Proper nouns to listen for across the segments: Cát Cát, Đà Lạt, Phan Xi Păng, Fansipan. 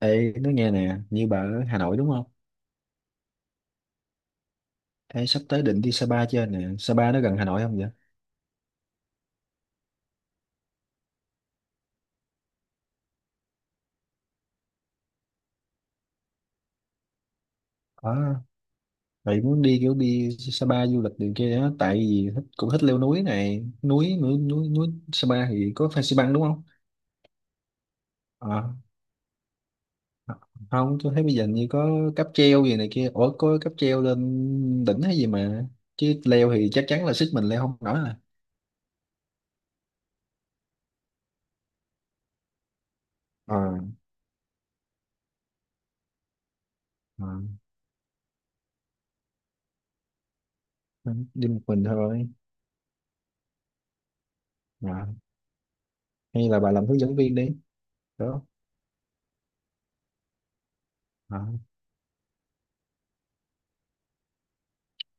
Ê, nói nghe nè, như bà ở Hà Nội đúng không? Ê, sắp tới định đi Sapa chưa nè? Sapa nó gần Hà Nội không vậy? À, vậy muốn đi kiểu đi Sapa du lịch đường kia đó, tại vì thích, cũng thích leo núi này, núi. Sapa thì có Fansipan đúng không? Ờ, không, tôi thấy bây giờ như có cáp treo gì này kia, ủa có cáp treo lên đỉnh hay gì mà, chứ leo thì chắc chắn là sức mình leo không nổi à. Ờ, ờ, đi một mình thôi. Ờ, hay là bà làm hướng dẫn viên đi, đó. Ờ.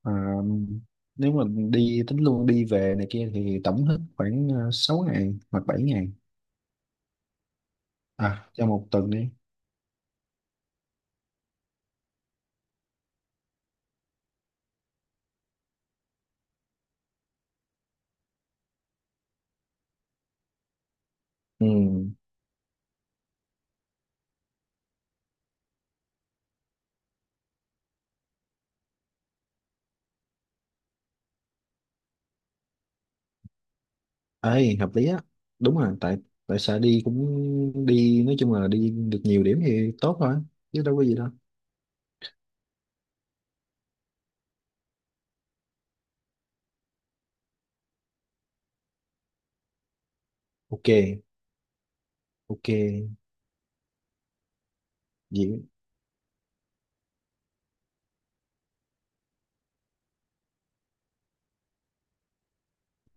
Ờ, nếu mà đi tính luôn đi về này kia thì tổng hết khoảng 6 ngày hoặc 7 ngày. À, cho một tuần đi. Ừ, ấy hợp lý á. Đúng rồi, tại tại sao đi cũng đi, nói chung là đi được nhiều điểm thì tốt thôi, chứ đâu có gì đâu. Ok, ok. Vậy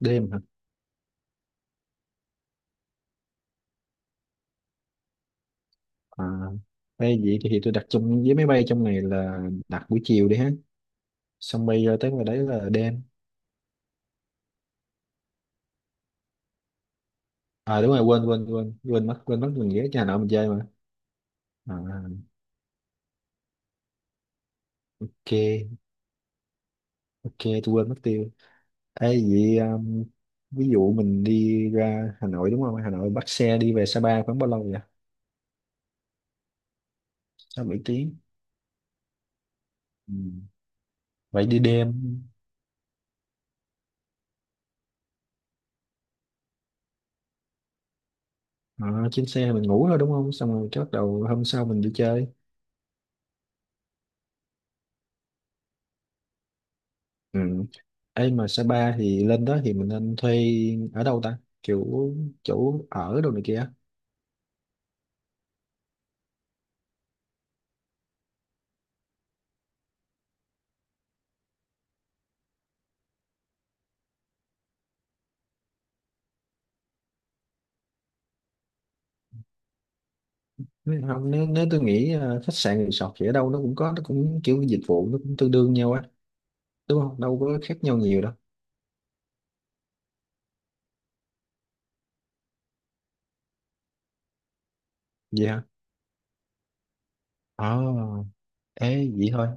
đêm hả? À, hay vậy thì tôi đặt chung với máy bay trong này, là đặt buổi chiều đi ha, xong bay ra tới ngoài đấy là đêm. À, đúng rồi, quên quên quên quên mất mình ghé nhà nọ mình chơi mà. À, ok. Ok, tôi quên mất tiêu. Ê, vậy ví dụ mình đi ra Hà Nội đúng không? Hà Nội bắt xe đi về Sapa khoảng bao lâu vậy? 6-7 tiếng. Ừ. Vậy đi đêm. À, trên xe mình ngủ thôi đúng không? Xong rồi cái bắt đầu hôm sau mình đi chơi. Ừ. Ê, mà Sapa thì lên đó thì mình nên thuê ở đâu ta? Kiểu chỗ ở đâu này kia. Không, nếu tôi nghĩ khách sạn resort thì ở đâu nó cũng có, nó cũng kiểu dịch vụ nó cũng tương đương nhau á, đúng không? Đâu có khác nhau nhiều đâu. Vậy hả? À. Ê, vậy thôi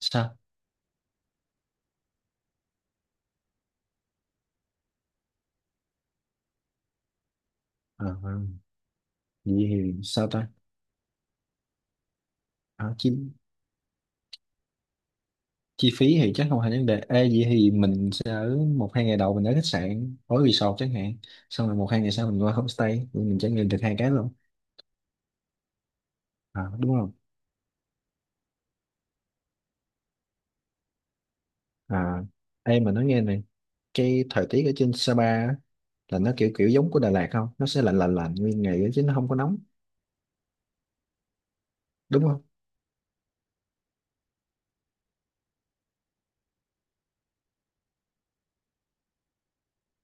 sao? À, vậy thì sao ta? À, chi phí thì chắc không thành vấn đề. Ê, vậy thì mình sẽ ở 1-2 ngày đầu mình ở khách sạn ở resort chẳng hạn, xong rồi 1-2 ngày sau mình qua homestay rồi mình trải nghiệm được hai cái luôn. À, đúng không? À. Ê, mà nói nghe này, cái thời tiết ở trên Sapa á, là nó kiểu kiểu giống của Đà Lạt không, nó sẽ lạnh lạnh lạnh nguyên ngày á, chứ nó không có nóng đúng không?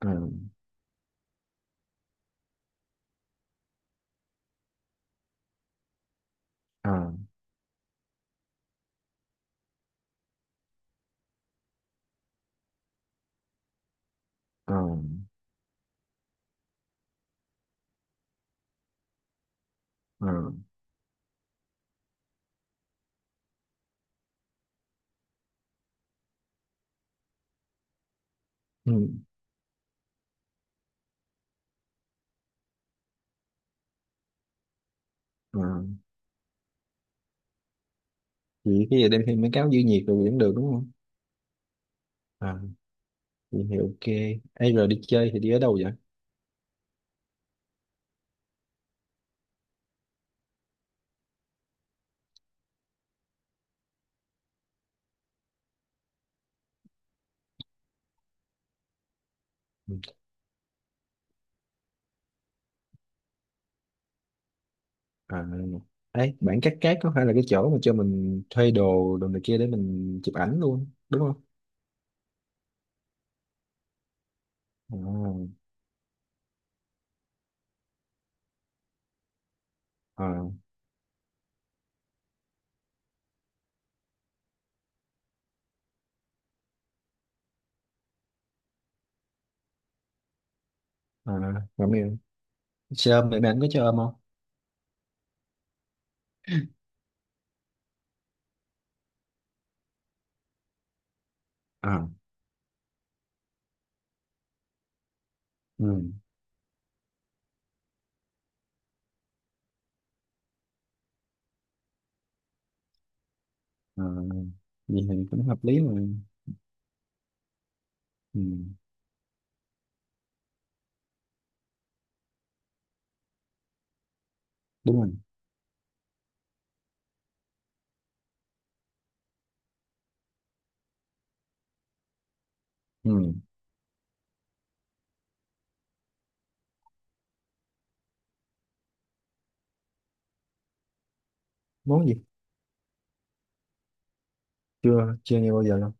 À. À. À. À. Ừ. À. Vậy cái gì đem thêm mấy cáo giữ nhiệt rồi cũng được đúng không? À, nhìn thì ok. Ê, rồi đi chơi thì đi ở đâu vậy? Ừ. À, ấy, bản Cát Cát có phải là cái chỗ mà cho mình thuê đồ đồ này kia để mình chụp ảnh luôn, đúng không? À. À. À, rồi mày, xe ôm, mẹ bạn có cho ôm không? À. Ừ. À, vậy thì cũng hợp lý mà. Ừ, đúng rồi. Ừ, món gì? Chưa, chưa nghe bao giờ đâu.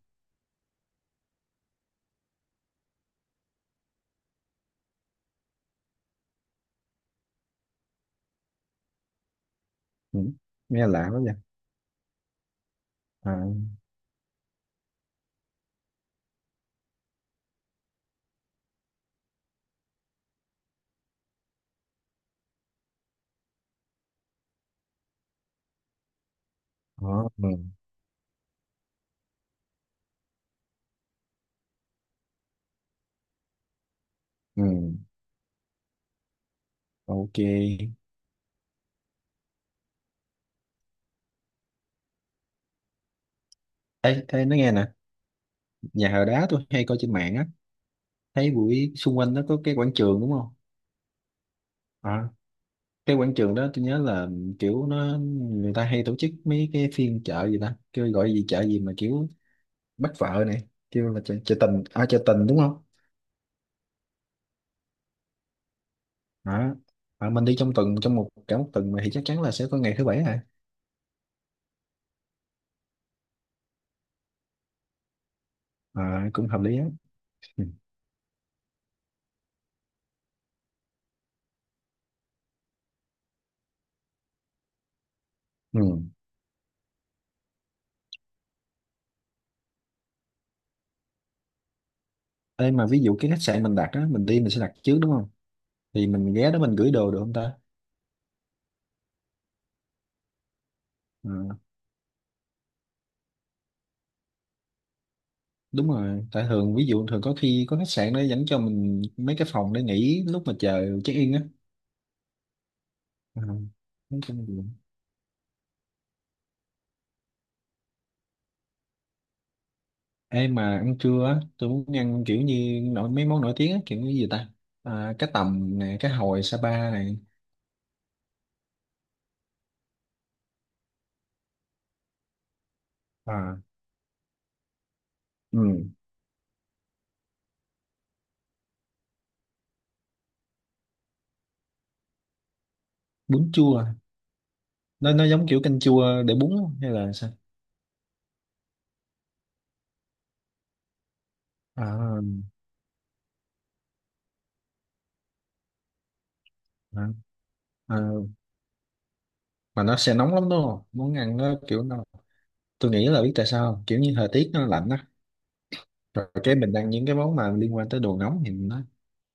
Ừ, nghe lạ quá vậy. À. Ờ. Ừ. Ừ, ok. Ê, thế nói nghe nè, nhà thờ đá tôi hay coi trên mạng á, thấy buổi xung quanh nó có cái quảng trường đúng không? À, cái quảng trường đó tôi nhớ là kiểu nó người ta hay tổ chức mấy cái phiên chợ gì ta, kêu gọi gì chợ gì mà kiểu bắt vợ này, kêu là chợ, chợ tình, à chợ tình đúng không? À. À, mình đi trong tuần, trong một cả một tuần mà thì chắc chắn là sẽ có ngày thứ bảy. À, à cũng hợp lý á. Ừ. Ừ. Ê, mà ví dụ cái khách sạn mình đặt á, mình đi mình sẽ đặt trước đúng không, thì mình ghé đó mình gửi đồ được không ta? Đúng rồi, tại thường ví dụ thường có khi có khách sạn nó dẫn cho mình mấy cái phòng để nghỉ lúc mà chờ check in á. Ờ, nói chung là- Ê mà ăn trưa á, tôi muốn ăn kiểu như nổi mấy món nổi tiếng á, kiểu như gì ta, à, cá tầm nè, cá hồi Sapa này. À. Ừ. Bún chua, nó giống kiểu canh chua để bún không? Hay là sao? À. À. À, mà nó sẽ nóng lắm đúng không, muốn ăn nó kiểu nó, tôi nghĩ là biết tại sao không? Kiểu như thời tiết nó lạnh á, rồi cái mình ăn những cái món mà liên quan tới đồ nóng thì nó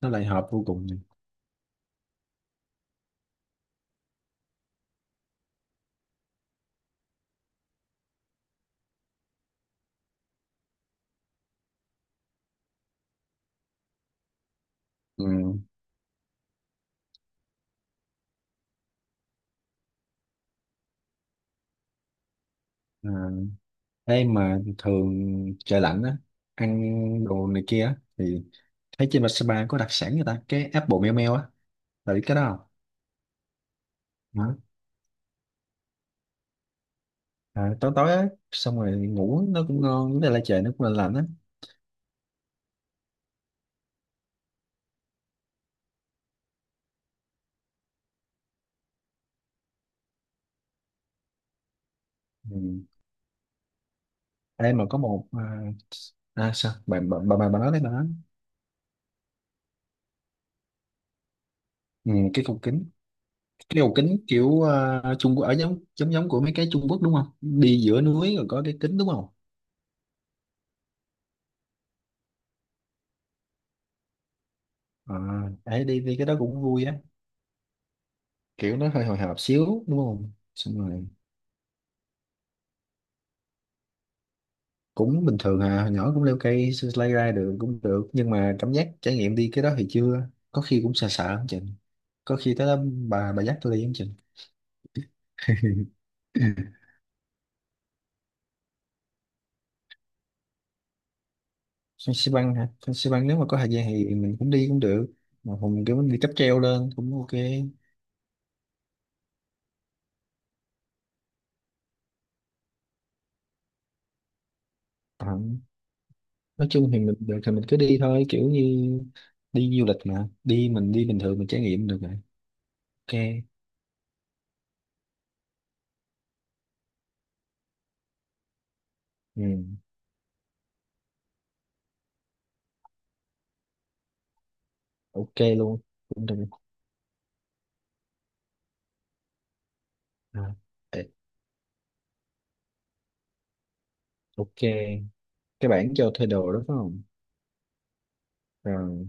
nó lại hợp vô cùng này. Ừ. À, đây mà thường trời lạnh á, ăn đồ này kia á, thì thấy trên Vasapa có đặc sản người ta cái apple meo meo á, là biết cái đó không? Hả? À, tối tối á, xong rồi ngủ nó cũng ngon, với lại trời nó cũng lạnh lạnh á. Ừ. Đây mà có một à, à sao bà, bà nói đấy, bà nói. Ừ, Cái cầu kính kiểu à, Trung Quốc ở giống giống giống của mấy cái Trung Quốc đúng không, đi giữa núi rồi có cái kính đúng không? À, đấy, đi đi cái đó cũng vui á, kiểu nó hơi hồi hộp xíu đúng không xong rồi. Cũng bình thường à, hồi nhỏ cũng leo cây sơ lay ra được cũng được, nhưng mà cảm giác trải nghiệm đi cái đó thì chưa, có khi cũng sợ sợ không chừng, có khi tới đó bà dắt tôi đi không chừng. Phan Xi Păng hả? Phan Xi Păng nếu mà có thời gian thì mình cũng đi cũng được, mà mình kiểu mình đi cáp treo lên cũng ok. Ờ, nói chung thì mình được thì mình cứ đi thôi, kiểu như đi du lịch mà, đi mình đi bình thường mình trải nghiệm được rồi. Ok. Ừ. Ok luôn, cũng được. À. Ê, ok, cái bảng cho thuê đồ đó phải không? Rồi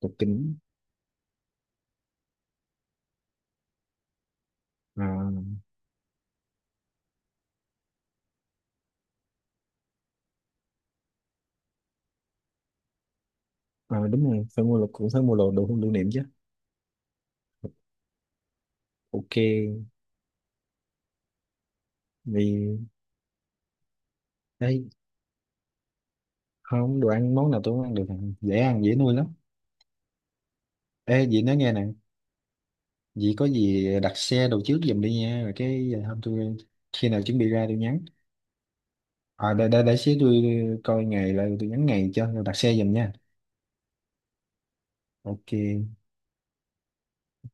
cục kính. À. À, đúng rồi, phải mua lục, cũng phải mua đồ đồ lưu niệm chứ. Ok. Vì ấy không, đồ ăn món nào tôi cũng ăn được nè, dễ ăn dễ nuôi lắm. Ê dì, nói nghe nè, dì có gì đặt xe đồ trước giùm đi nha, rồi cái hôm tôi, khi nào chuẩn bị ra tôi nhắn. À, để xíu tôi coi ngày lại tôi nhắn ngày cho, rồi đặt xe giùm nha. Ok,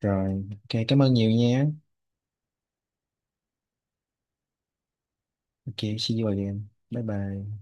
rồi. Ok, cảm ơn nhiều nha. Ok, see you again, bye bye.